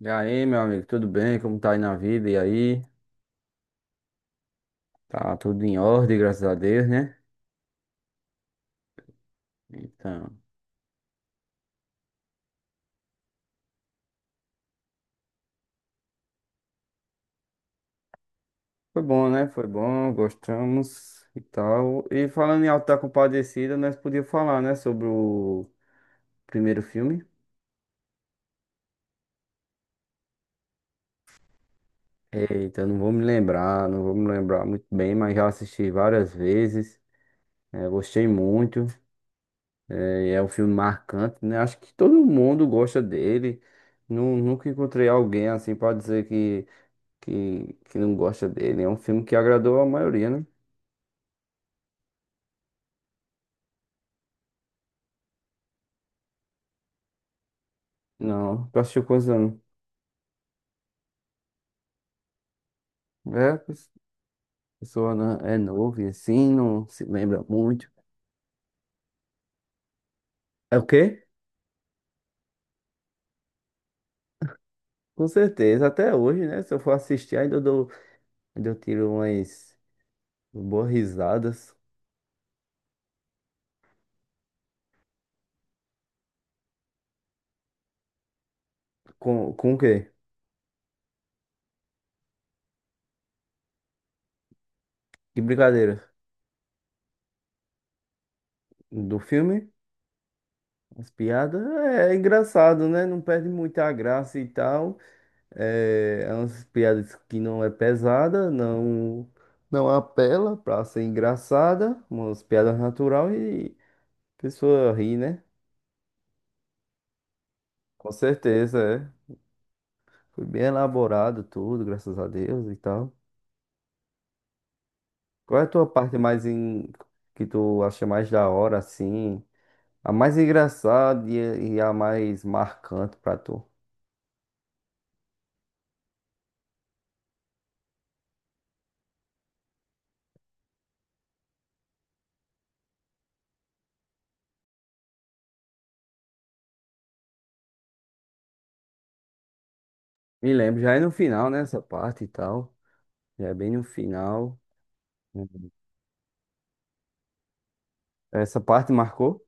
E aí, meu amigo, tudo bem? Como tá aí na vida? E aí? Tá tudo em ordem, graças a Deus, né? Então, foi bom, né? Foi bom, gostamos e tal. E falando em Auto da Compadecida, nós podíamos falar, né, sobre o primeiro filme. Eita, não vou me lembrar, não vou me lembrar muito bem, mas já assisti várias vezes. É, gostei muito. É, é um filme marcante, né? Acho que todo mundo gosta dele. Nunca encontrei alguém assim para dizer que não gosta dele. É um filme que agradou a maioria, né? Não, tu assistiu quantos anos? É, a pessoa é novo e assim, não se lembra muito. É o quê? Com certeza, até hoje, né? Se eu for assistir, ainda eu tiro umas boas risadas. Com o quê? Que brincadeira? Do filme? As piadas? É engraçado, né? Não perde muita graça e tal. É, é umas piadas que não é pesada, não não apela pra ser engraçada, umas piadas natural e a pessoa ri, né? Com certeza, é. Foi bem elaborado tudo, graças a Deus e tal. Qual é a tua parte mais que tu acha mais da hora, assim? A mais engraçada e a mais marcante pra tu? Me lembro, já é no final, né? Essa parte e tal. Já é bem no final. Uhum. Essa parte marcou?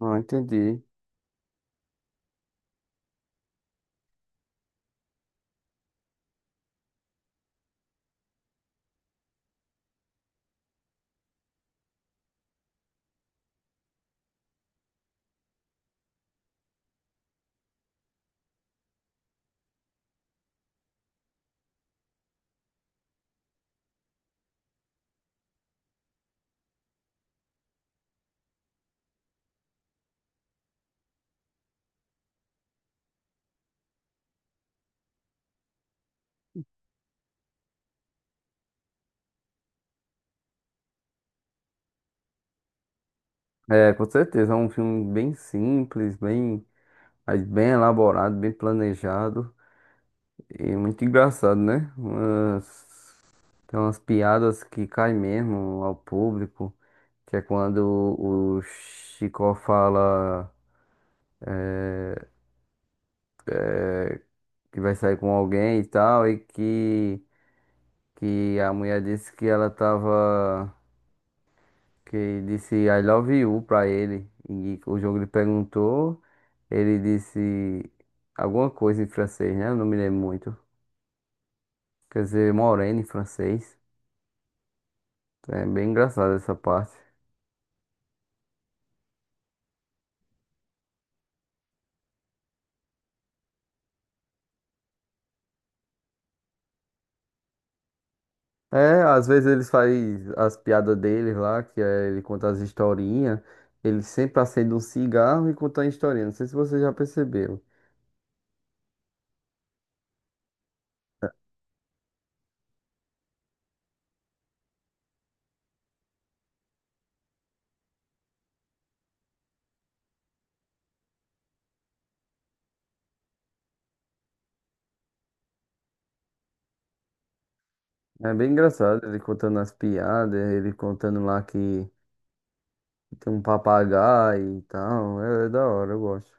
Ah, entendi. É, com certeza, é um filme bem simples, bem, mas bem elaborado, bem planejado e muito engraçado, né? Tem umas piadas que caem mesmo ao público, que é quando o Chico fala que vai sair com alguém e tal, e que a mulher disse que ela tava, que disse I love you pra ele, e o jogo lhe perguntou, ele disse alguma coisa em francês, né? Eu não me lembro muito. Quer dizer, moreno em francês. Então é bem engraçado essa parte. É, às vezes eles fazem as piadas dele lá, que é, ele conta as historinhas. Ele sempre acende um cigarro e conta a historinha. Não sei se você já percebeu. É bem engraçado ele contando as piadas, ele contando lá que tem um papagaio e tal. É, é da hora, eu gosto.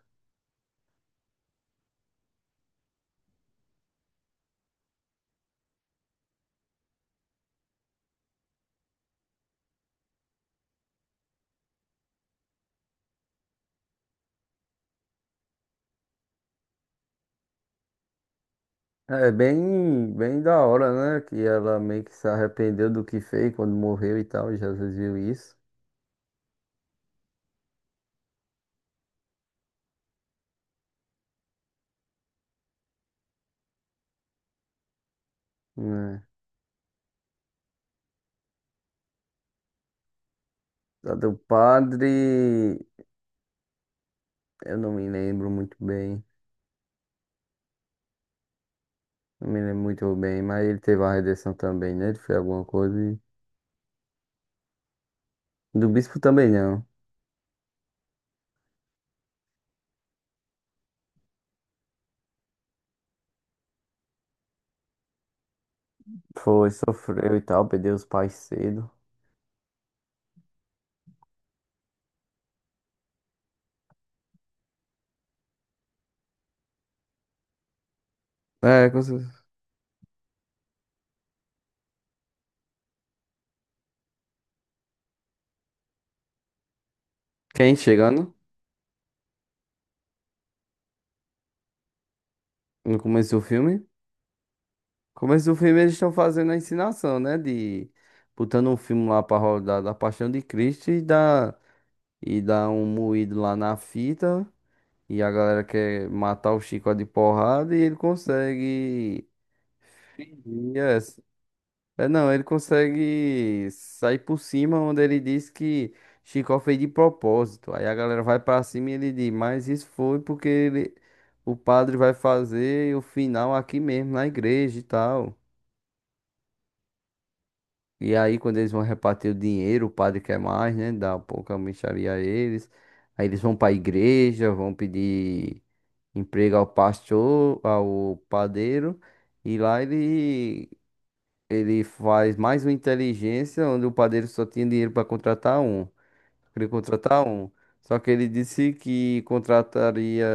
É bem, bem da hora, né? Que ela meio que se arrependeu do que fez quando morreu e tal. E Jesus viu isso. Né? A do padre. Eu não me lembro muito bem. Não me lembro muito bem, mas ele teve uma redenção também, né? Ele fez alguma coisa. Do bispo também não. Foi, sofreu e tal, perdeu os pais cedo. É, quem chegando no começo do filme? No começo do filme eles estão fazendo a ensinação, né? De botando um filme lá pra rodar da Paixão de Cristo e dá, um moído lá na fita. E a galera quer matar o Chico de porrada e ele consegue. Fingir É, não, ele consegue sair por cima, onde ele diz que Chicó fez de propósito. Aí a galera vai pra cima e ele diz, mas isso foi porque ele, o padre vai fazer o final aqui mesmo, na igreja e tal. E aí, quando eles vão repartir o dinheiro, o padre quer mais, né? Dá um pouco a mixaria a eles. Aí eles vão pra igreja, vão pedir emprego ao pastor, ao padeiro. E lá ele faz mais uma inteligência, onde o padeiro só tinha dinheiro para contratar um. Queria contratar um. Só que ele disse que contrataria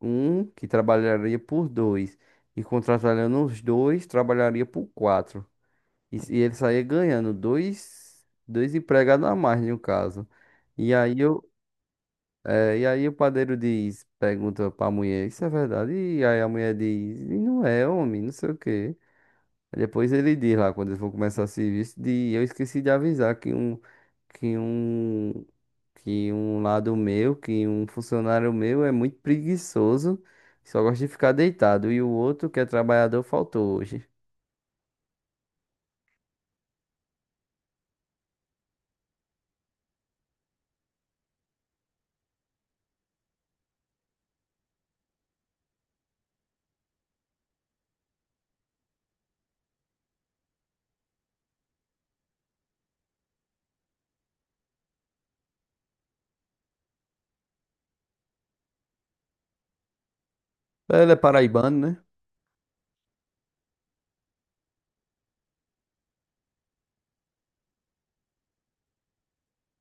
um que trabalharia por dois. E contratando os dois, trabalharia por quatro. E, se- e ele saía ganhando dois, dois empregados a mais, no caso. E aí, eu, e aí o padeiro diz, pergunta para a mulher, isso é verdade? E aí a mulher diz, e não é, homem, não sei o quê. Aí depois ele diz lá, quando eles vão começar o serviço, de eu esqueci de avisar que um, que um funcionário meu é muito preguiçoso, só gosta de ficar deitado, e o outro, que é trabalhador, faltou hoje. Ele é paraibano, né?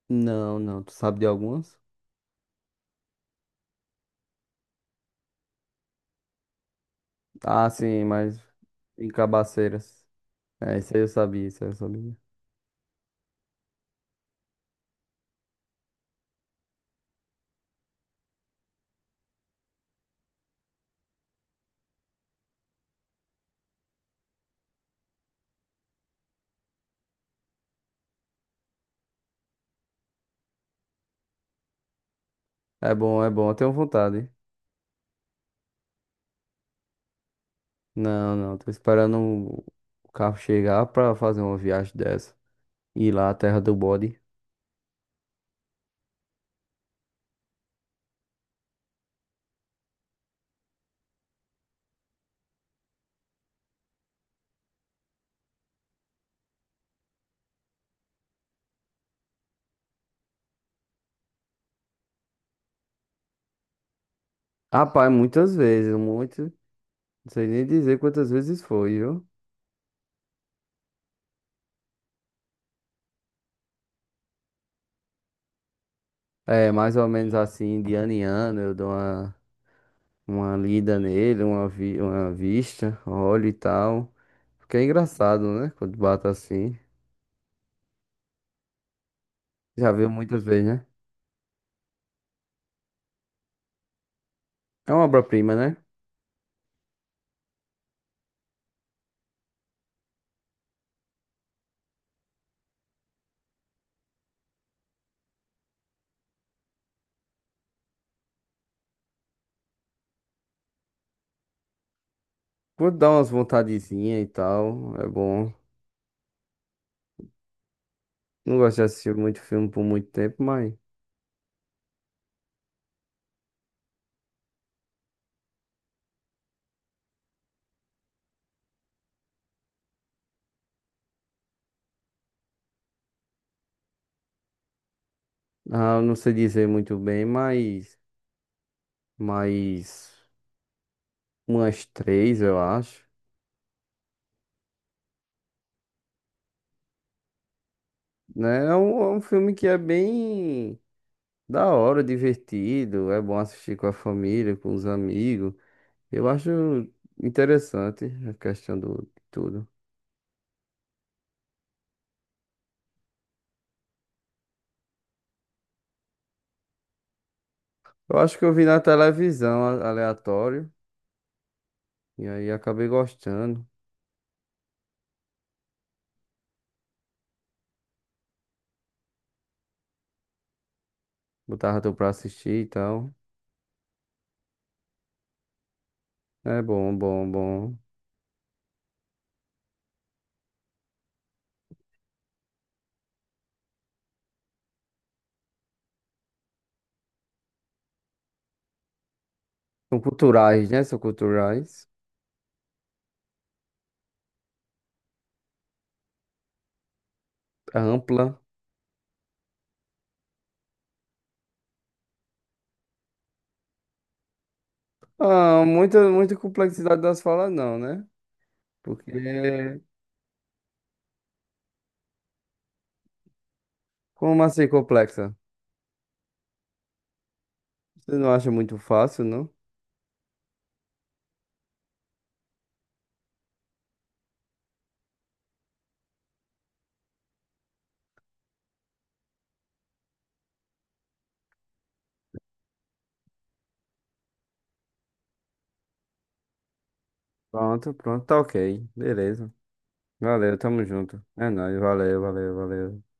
Não, não, tu sabe de algumas? Ah, sim, mas em Cabaceiras. É, isso aí eu sabia, isso aí eu sabia. É bom, eu tenho vontade. Não, não, tô esperando o carro chegar pra fazer uma viagem dessa. Ir lá à terra do bode. Rapaz, muitas vezes, muito. Não sei nem dizer quantas vezes foi, viu? É, mais ou menos assim, de ano em ano, eu dou uma, lida nele, uma vista, olho e tal. Porque é engraçado, né? Quando bata assim. Já viu muitas vezes, né? É uma obra-prima, né? Vou dar umas vontadezinhas e tal, é bom. Não gosto de assistir muito filme por muito tempo, mas. Ah, eu não sei dizer muito bem, mas. Mas. Umas três, eu acho. Né? É um filme que é bem da hora, divertido, é bom assistir com a família, com os amigos. Eu acho interessante a questão do de tudo. Eu acho que eu vi na televisão aleatório e aí acabei gostando. Botava tu pra assistir e tal. É bom, bom, bom. São culturais, né? São culturais. É ampla. Ah, muita, muita complexidade das falas não, né? Porque como assim complexa? Você não acha muito fácil, não? Pronto, pronto, tá ok. Beleza. Valeu, tamo junto. É nóis, valeu, valeu, valeu.